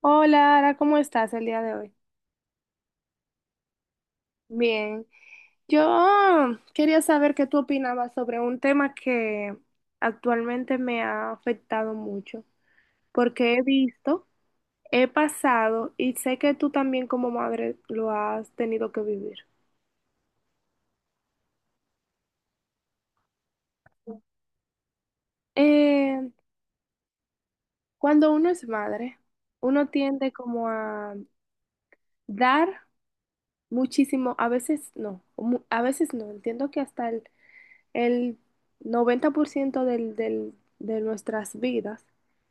Hola, Ara, ¿cómo estás el día de hoy? Bien, yo quería saber qué tú opinabas sobre un tema que actualmente me ha afectado mucho, porque he visto, he pasado y sé que tú también como madre lo has tenido que vivir. Eh, Cuando uno es madre, uno tiende como a dar muchísimo, a veces no, a veces no, entiendo que hasta el 90% de nuestras vidas,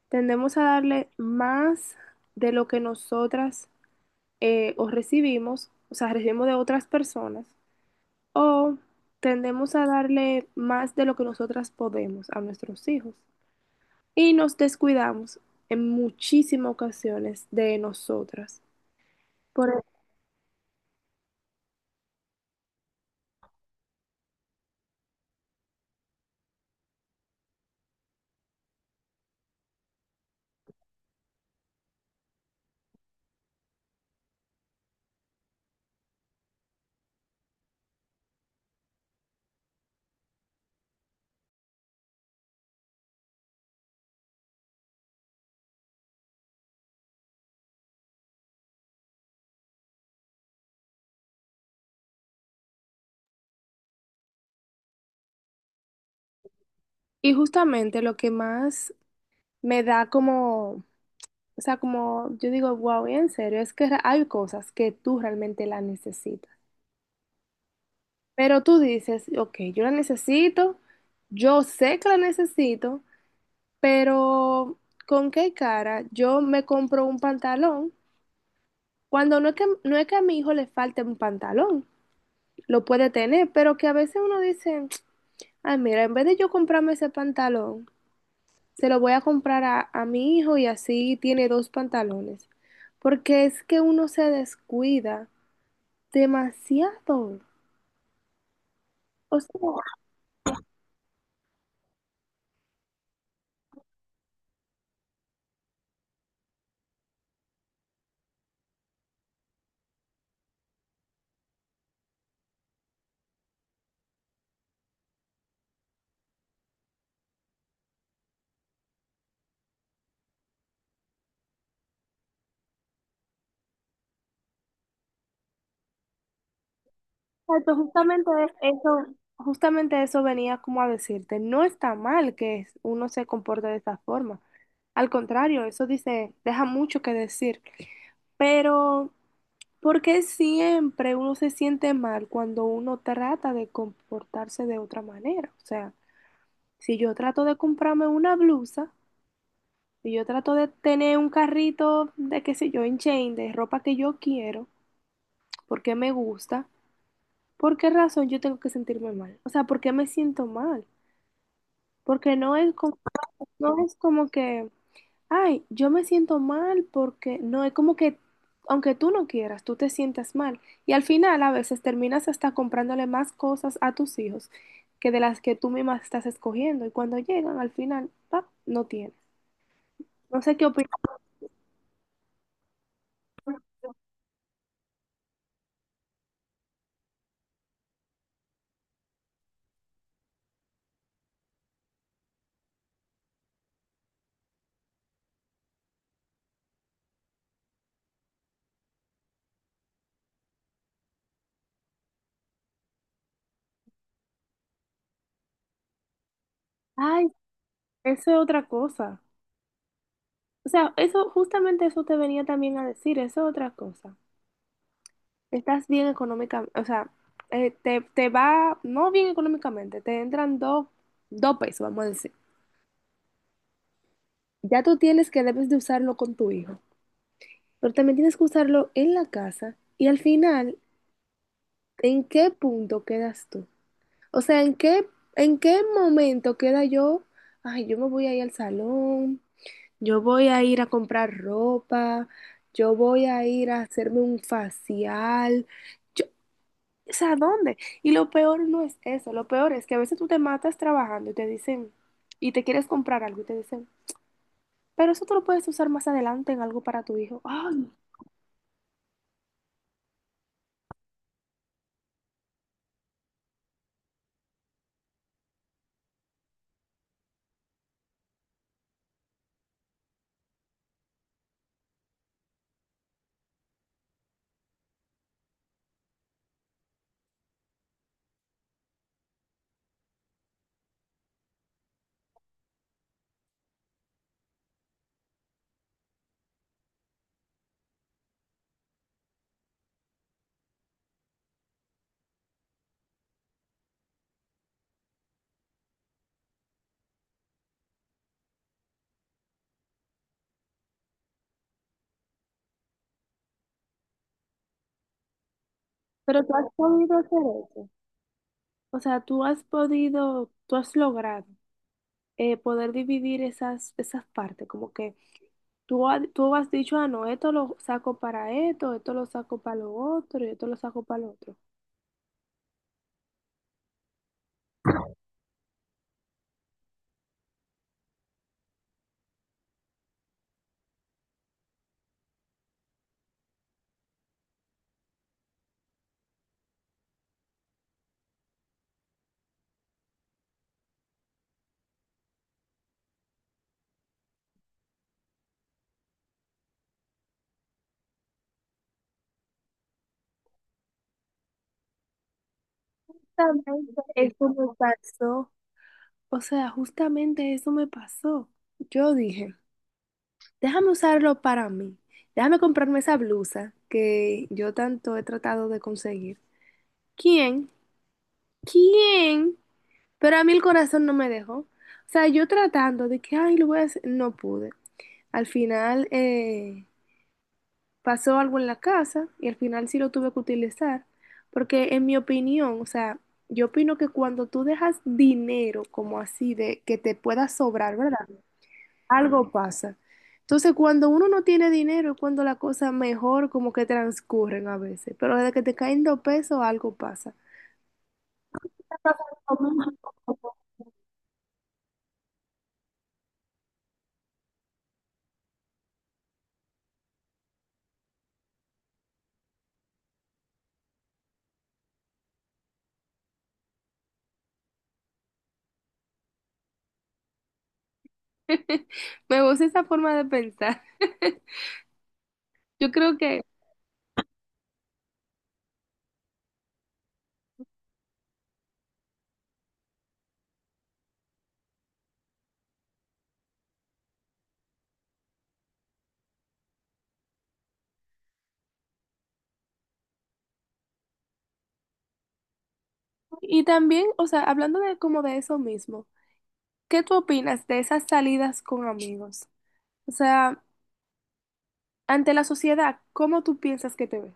tendemos a darle más de lo que nosotras o recibimos, o sea, recibimos de otras personas, o tendemos a darle más de lo que nosotras podemos a nuestros hijos. Y nos descuidamos en muchísimas ocasiones de nosotras. Por- e-, y justamente lo que más me da como... O sea, como yo digo, wow, en serio, es que hay cosas que tú realmente las necesitas. Pero tú dices, ok, yo la necesito, yo sé que la necesito, pero ¿con qué cara yo me compro un pantalón? Cuando no es que a mi hijo le falte un pantalón, lo puede tener, pero que a veces uno dice, ay, mira, en vez de yo comprarme ese pantalón, se lo voy a comprar a mi hijo y así tiene dos pantalones. Porque es que uno se descuida demasiado. O sea, exacto, eso, justamente eso venía como a decirte, no está mal que uno se comporte de esa forma. Al contrario, eso dice, deja mucho que decir. Pero, ¿por qué siempre uno se siente mal cuando uno trata de comportarse de otra manera? O sea, si yo trato de comprarme una blusa, si yo trato de tener un carrito de qué sé yo, en chain, de ropa que yo quiero, porque me gusta. ¿Por qué razón yo tengo que sentirme mal? O sea, ¿por qué me siento mal? Porque no es como, no es como que, ay, yo me siento mal porque no es como que, aunque tú no quieras, tú te sientas mal. Y al final a veces terminas hasta comprándole más cosas a tus hijos que de las que tú misma estás escogiendo. Y cuando llegan, al final, pa, no tienes. No sé qué opinas. Ay, eso es otra cosa. O sea, eso justamente eso te venía también a decir, eso es otra cosa. Estás bien económicamente, o sea, te, te va, no bien económicamente, te entran dos pesos, vamos a decir. Ya tú tienes que debes de usarlo con tu hijo, pero también tienes que usarlo en la casa y al final, ¿en qué punto quedas tú? O sea, en qué momento queda yo? Ay, yo me voy a ir al salón, yo voy a ir a comprar ropa, yo voy a ir a hacerme un facial. O sea, ¿dónde? Y lo peor no es eso, lo peor es que a veces tú te matas trabajando y te dicen, y te quieres comprar algo y te dicen, pero eso tú lo puedes usar más adelante en algo para tu hijo. Ay, pero tú has podido hacer eso. O sea, tú has podido, tú has logrado poder dividir esas partes, como que tú has dicho, ah, no, esto lo saco para esto, esto lo saco para lo otro y esto lo saco para lo otro. Justamente eso me pasó. O sea, justamente eso me pasó. Yo dije, déjame usarlo para mí. Déjame comprarme esa blusa que yo tanto he tratado de conseguir. ¿Quién? ¿Quién? Pero a mí el corazón no me dejó. O sea, yo tratando de que, ay, lo voy a hacer, no pude. Al final pasó algo en la casa y al final sí lo tuve que utilizar. Porque en mi opinión, o sea, yo opino que cuando tú dejas dinero como así de que te pueda sobrar, ¿verdad? Algo pasa. Entonces, cuando uno no tiene dinero es cuando las cosas mejor como que transcurren a veces, pero desde que te caen dos pesos, algo pasa. Me gusta esa forma de pensar. Yo creo que, y también, o sea, hablando de como de eso mismo, ¿qué tú opinas de esas salidas con amigos? O sea, ante la sociedad, ¿cómo tú piensas que te ves?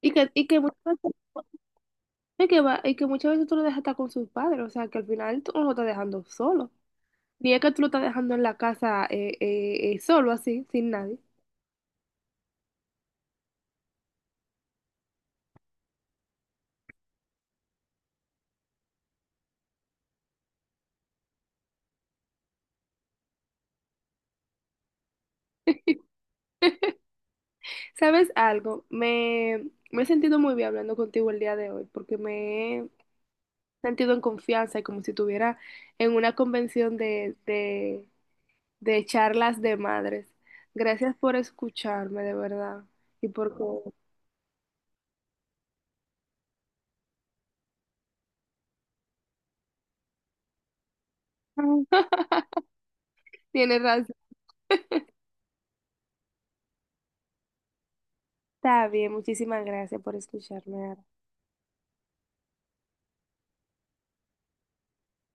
Y que muchas veces, y que muchas veces tú lo dejas estar con sus padres, o sea, que al final tú no lo estás dejando solo. Ni es que tú lo estás dejando en la casa solo así, sin nadie. ¿Sabes algo? Me he sentido muy bien hablando contigo el día de hoy porque me he sentido en confianza y como si estuviera en una convención de charlas de madres. Gracias por escucharme, de verdad. Y por... Tienes razón. Está bien, muchísimas gracias por escucharme.